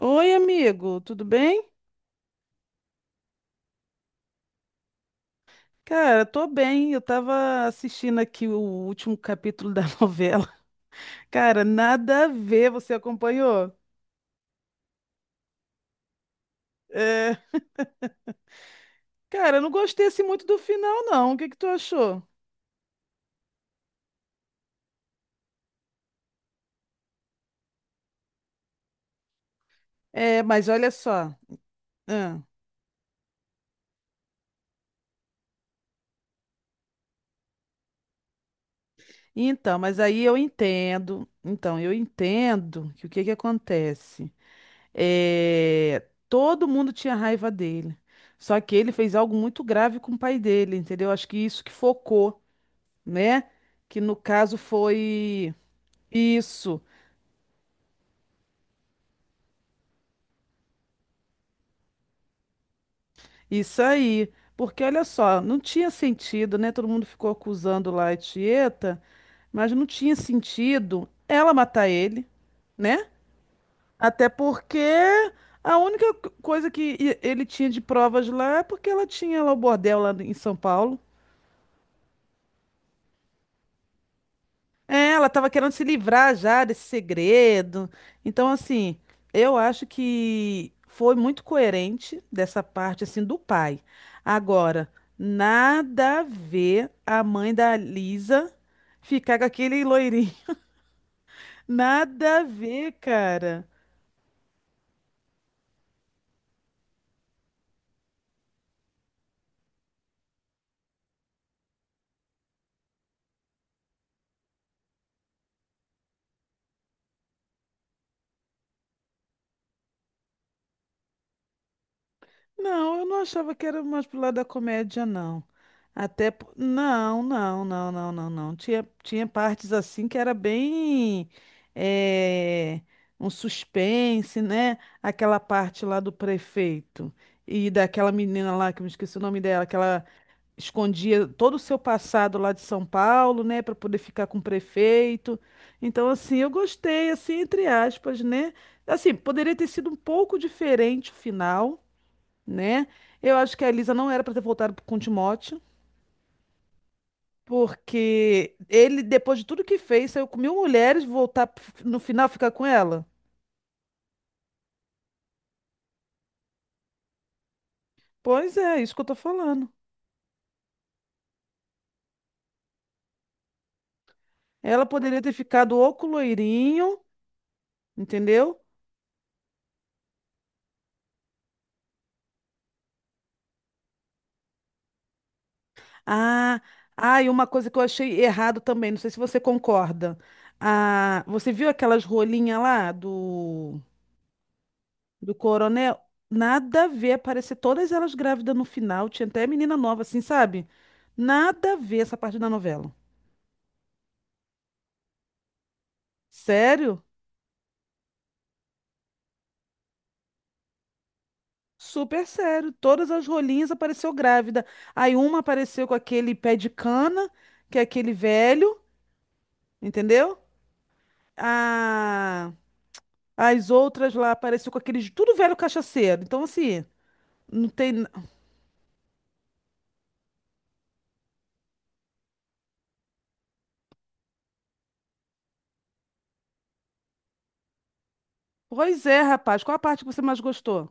Oi, amigo, tudo bem? Cara, tô bem. Eu tava assistindo aqui o último capítulo da novela. Cara, nada a ver, você acompanhou? É, cara, eu não gostei assim muito do final, não. O que que tu achou? É, mas olha só. Ah, então, mas aí eu entendo. Então, eu entendo que o que que acontece? É, todo mundo tinha raiva dele. Só que ele fez algo muito grave com o pai dele, entendeu? Acho que isso que focou, né? Que no caso foi isso, isso aí. Porque olha só, não tinha sentido, né? Todo mundo ficou acusando lá a Tieta, mas não tinha sentido ela matar ele, né? Até porque a única coisa que ele tinha de provas lá é porque ela tinha lá o bordel lá em São Paulo. É, ela estava querendo se livrar já desse segredo. Então, assim, eu acho que foi muito coerente dessa parte, assim, do pai. Agora, nada a ver a mãe da Lisa ficar com aquele loirinho. Nada a ver, cara. Não, eu não achava que era mais pro lado da comédia, não. Até. Não, não, não, não, não, não. Tinha, tinha partes assim que era bem. eh, Um suspense, né? Aquela parte lá do prefeito e daquela menina lá, que eu me esqueci o nome dela, que ela escondia todo o seu passado lá de São Paulo, né, para poder ficar com o prefeito. Então, assim, eu gostei, assim, entre aspas, né? Assim, poderia ter sido um pouco diferente o final, né? Eu acho que a Elisa não era pra ter voltado com o Timóteo, porque ele, depois de tudo que fez, saiu com 1000 mulheres, voltar no final ficar com ela. Pois é, isso que eu tô falando. Ela poderia ter ficado ou com o loirinho, entendeu? Ah, ah, e uma coisa que eu achei errado também, não sei se você concorda. Ah, você viu aquelas rolinhas lá do... Do coronel, nada a ver. Aparecer todas elas grávidas no final. Tinha até menina nova, assim, sabe? Nada a ver essa parte da novela. Sério? Super sério. Todas as rolinhas apareceu grávida. Aí uma apareceu com aquele pé de cana, que é aquele velho, entendeu? A... As outras lá apareceu com aqueles tudo velho cachaceiro. Então, assim, não tem. Pois é, rapaz. Qual a parte que você mais gostou?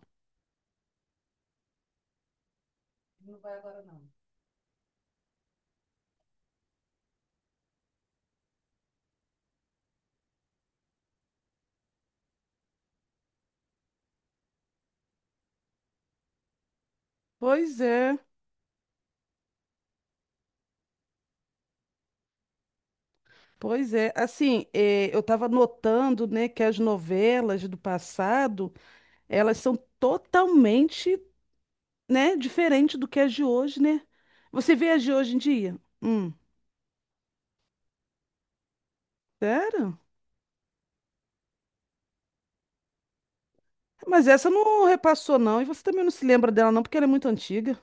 Pois é. Pois é, assim, eu estava notando, né, que as novelas do passado, elas são totalmente, né, diferente do que as de hoje, né? Você vê as de hoje em dia? Sério? Mas essa não repassou, não, e você também não se lembra dela, não, porque ela é muito antiga.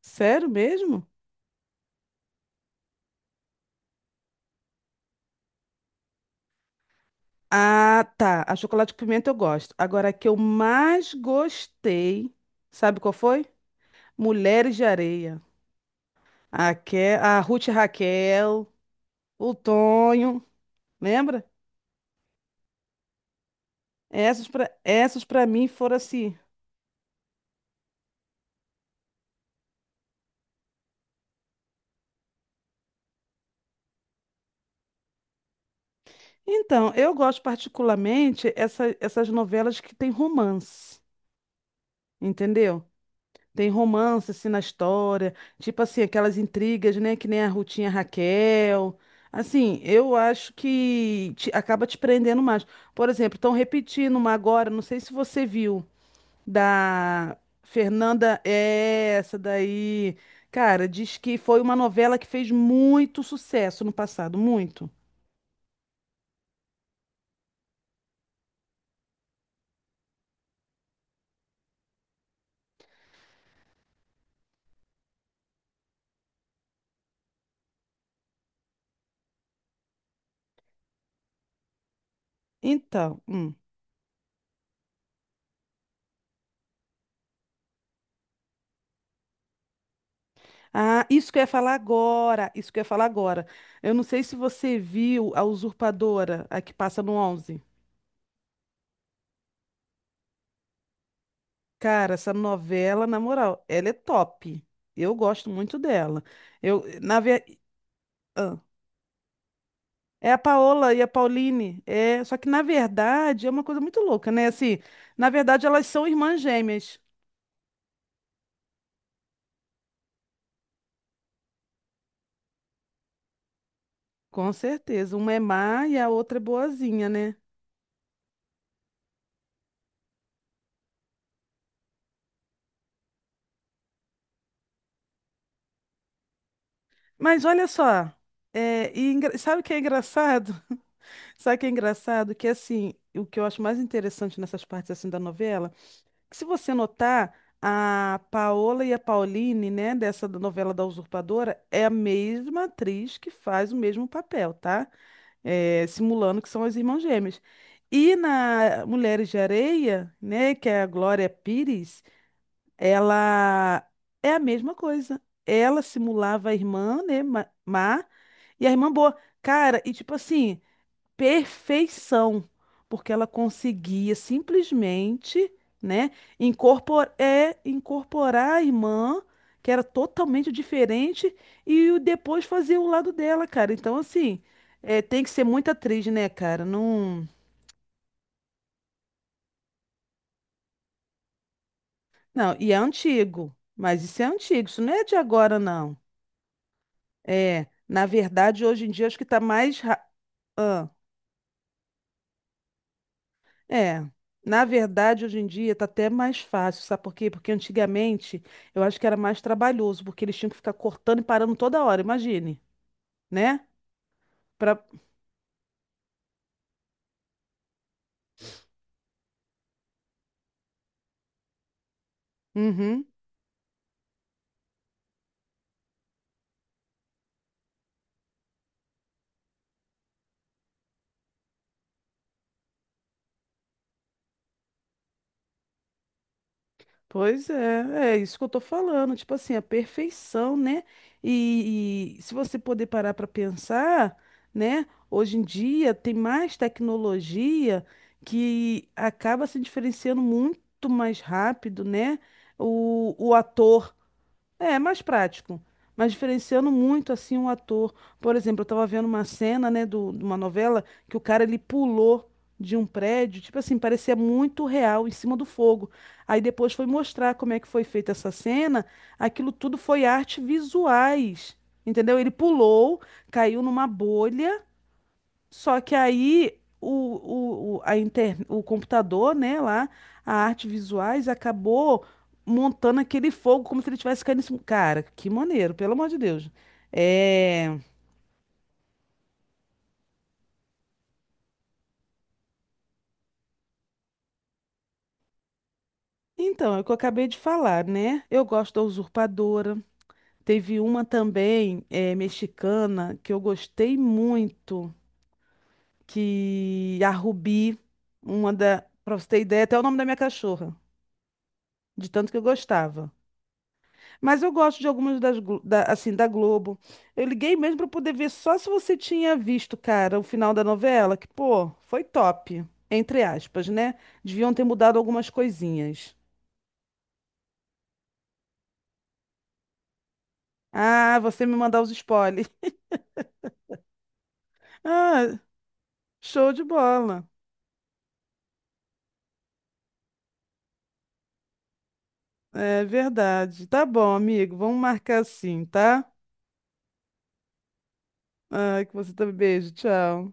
Sério mesmo? Ah, tá, a Chocolate com Pimenta eu gosto. Agora, a que eu mais gostei, sabe qual foi? Mulheres de Areia. A, a Ruth e Raquel, o Tonho. Lembra? Essas para essas para mim foram assim. Então, eu gosto particularmente essa, essas novelas que tem romance, entendeu? Tem romance assim na história, tipo assim, aquelas intrigas, né, que nem a Rutinha Raquel. Assim, eu acho que acaba te prendendo mais. Por exemplo, estão repetindo uma agora, não sei se você viu. Da Fernanda, é essa daí. Cara, diz que foi uma novela que fez muito sucesso no passado, muito. Então. Ah, isso que eu ia falar agora, isso que eu ia falar agora. Eu não sei se você viu A Usurpadora, a que passa no onze. Cara, essa novela, na moral, ela é top. Eu gosto muito dela. Eu, na verdade. É a Paola e a Pauline. É, só que na verdade é uma coisa muito louca, né? Assim, na verdade elas são irmãs gêmeas, com certeza. Uma é má e a outra é boazinha, né? Mas olha só, é, e sabe o que é engraçado? Sabe o que é engraçado? Que assim, o que eu acho mais interessante nessas partes assim da novela, que se você notar, a Paola e a Pauline, né, dessa da novela da Usurpadora, é a mesma atriz que faz o mesmo papel, tá? Simulando que são as irmãs gêmeas. E na Mulheres de Areia, né, que é a Glória Pires, ela é a mesma coisa. Ela simulava a irmã, né, má, e a irmã boa. Cara, e tipo assim, perfeição, porque ela conseguia simplesmente, né, incorporar a irmã, que era totalmente diferente, e depois fazer o lado dela, cara. Então, assim, é, tem que ser muito atriz, né, cara? Não, não, e é antigo, mas isso é antigo, isso não é de agora, não. É, na verdade, hoje em dia, acho que tá mais. ra- É, na verdade, hoje em dia tá até mais fácil, sabe por quê? Porque antigamente eu acho que era mais trabalhoso, porque eles tinham que ficar cortando e parando toda hora, imagine, né? Pra... Uhum. Pois é, é isso que eu tô falando, tipo assim, a perfeição, né? E se você poder parar pra pensar, né? Hoje em dia tem mais tecnologia que acaba se diferenciando muito mais rápido, né? O ator. É, mais prático, mas diferenciando muito assim um ator. Por exemplo, eu tava vendo uma cena, né, de uma novela que o cara ele pulou de um prédio, tipo assim, parecia muito real em cima do fogo. Aí depois foi mostrar como é que foi feita essa cena, aquilo tudo foi arte visuais. Entendeu? Ele pulou, caiu numa bolha, só que aí o computador, né, lá, a arte visuais, acabou montando aquele fogo como se ele tivesse caindo em cima. Cara, que maneiro, pelo amor de Deus. É... Então, é o que eu acabei de falar, né? Eu gosto da Usurpadora. Teve uma também, é, mexicana, que eu gostei muito, que a Rubi, uma da... Pra você ter ideia, até o nome da minha cachorra, de tanto que eu gostava. Mas eu gosto de algumas das, da, assim, da Globo. Eu liguei mesmo para poder ver só se você tinha visto, cara, o final da novela, que, pô, foi top, entre aspas, né? Deviam ter mudado algumas coisinhas. Ah, você me mandar os spoilers. Ah, show de bola. É verdade. Tá bom, amigo. Vamos marcar assim, tá? Ah, que você também. Beijo, tchau.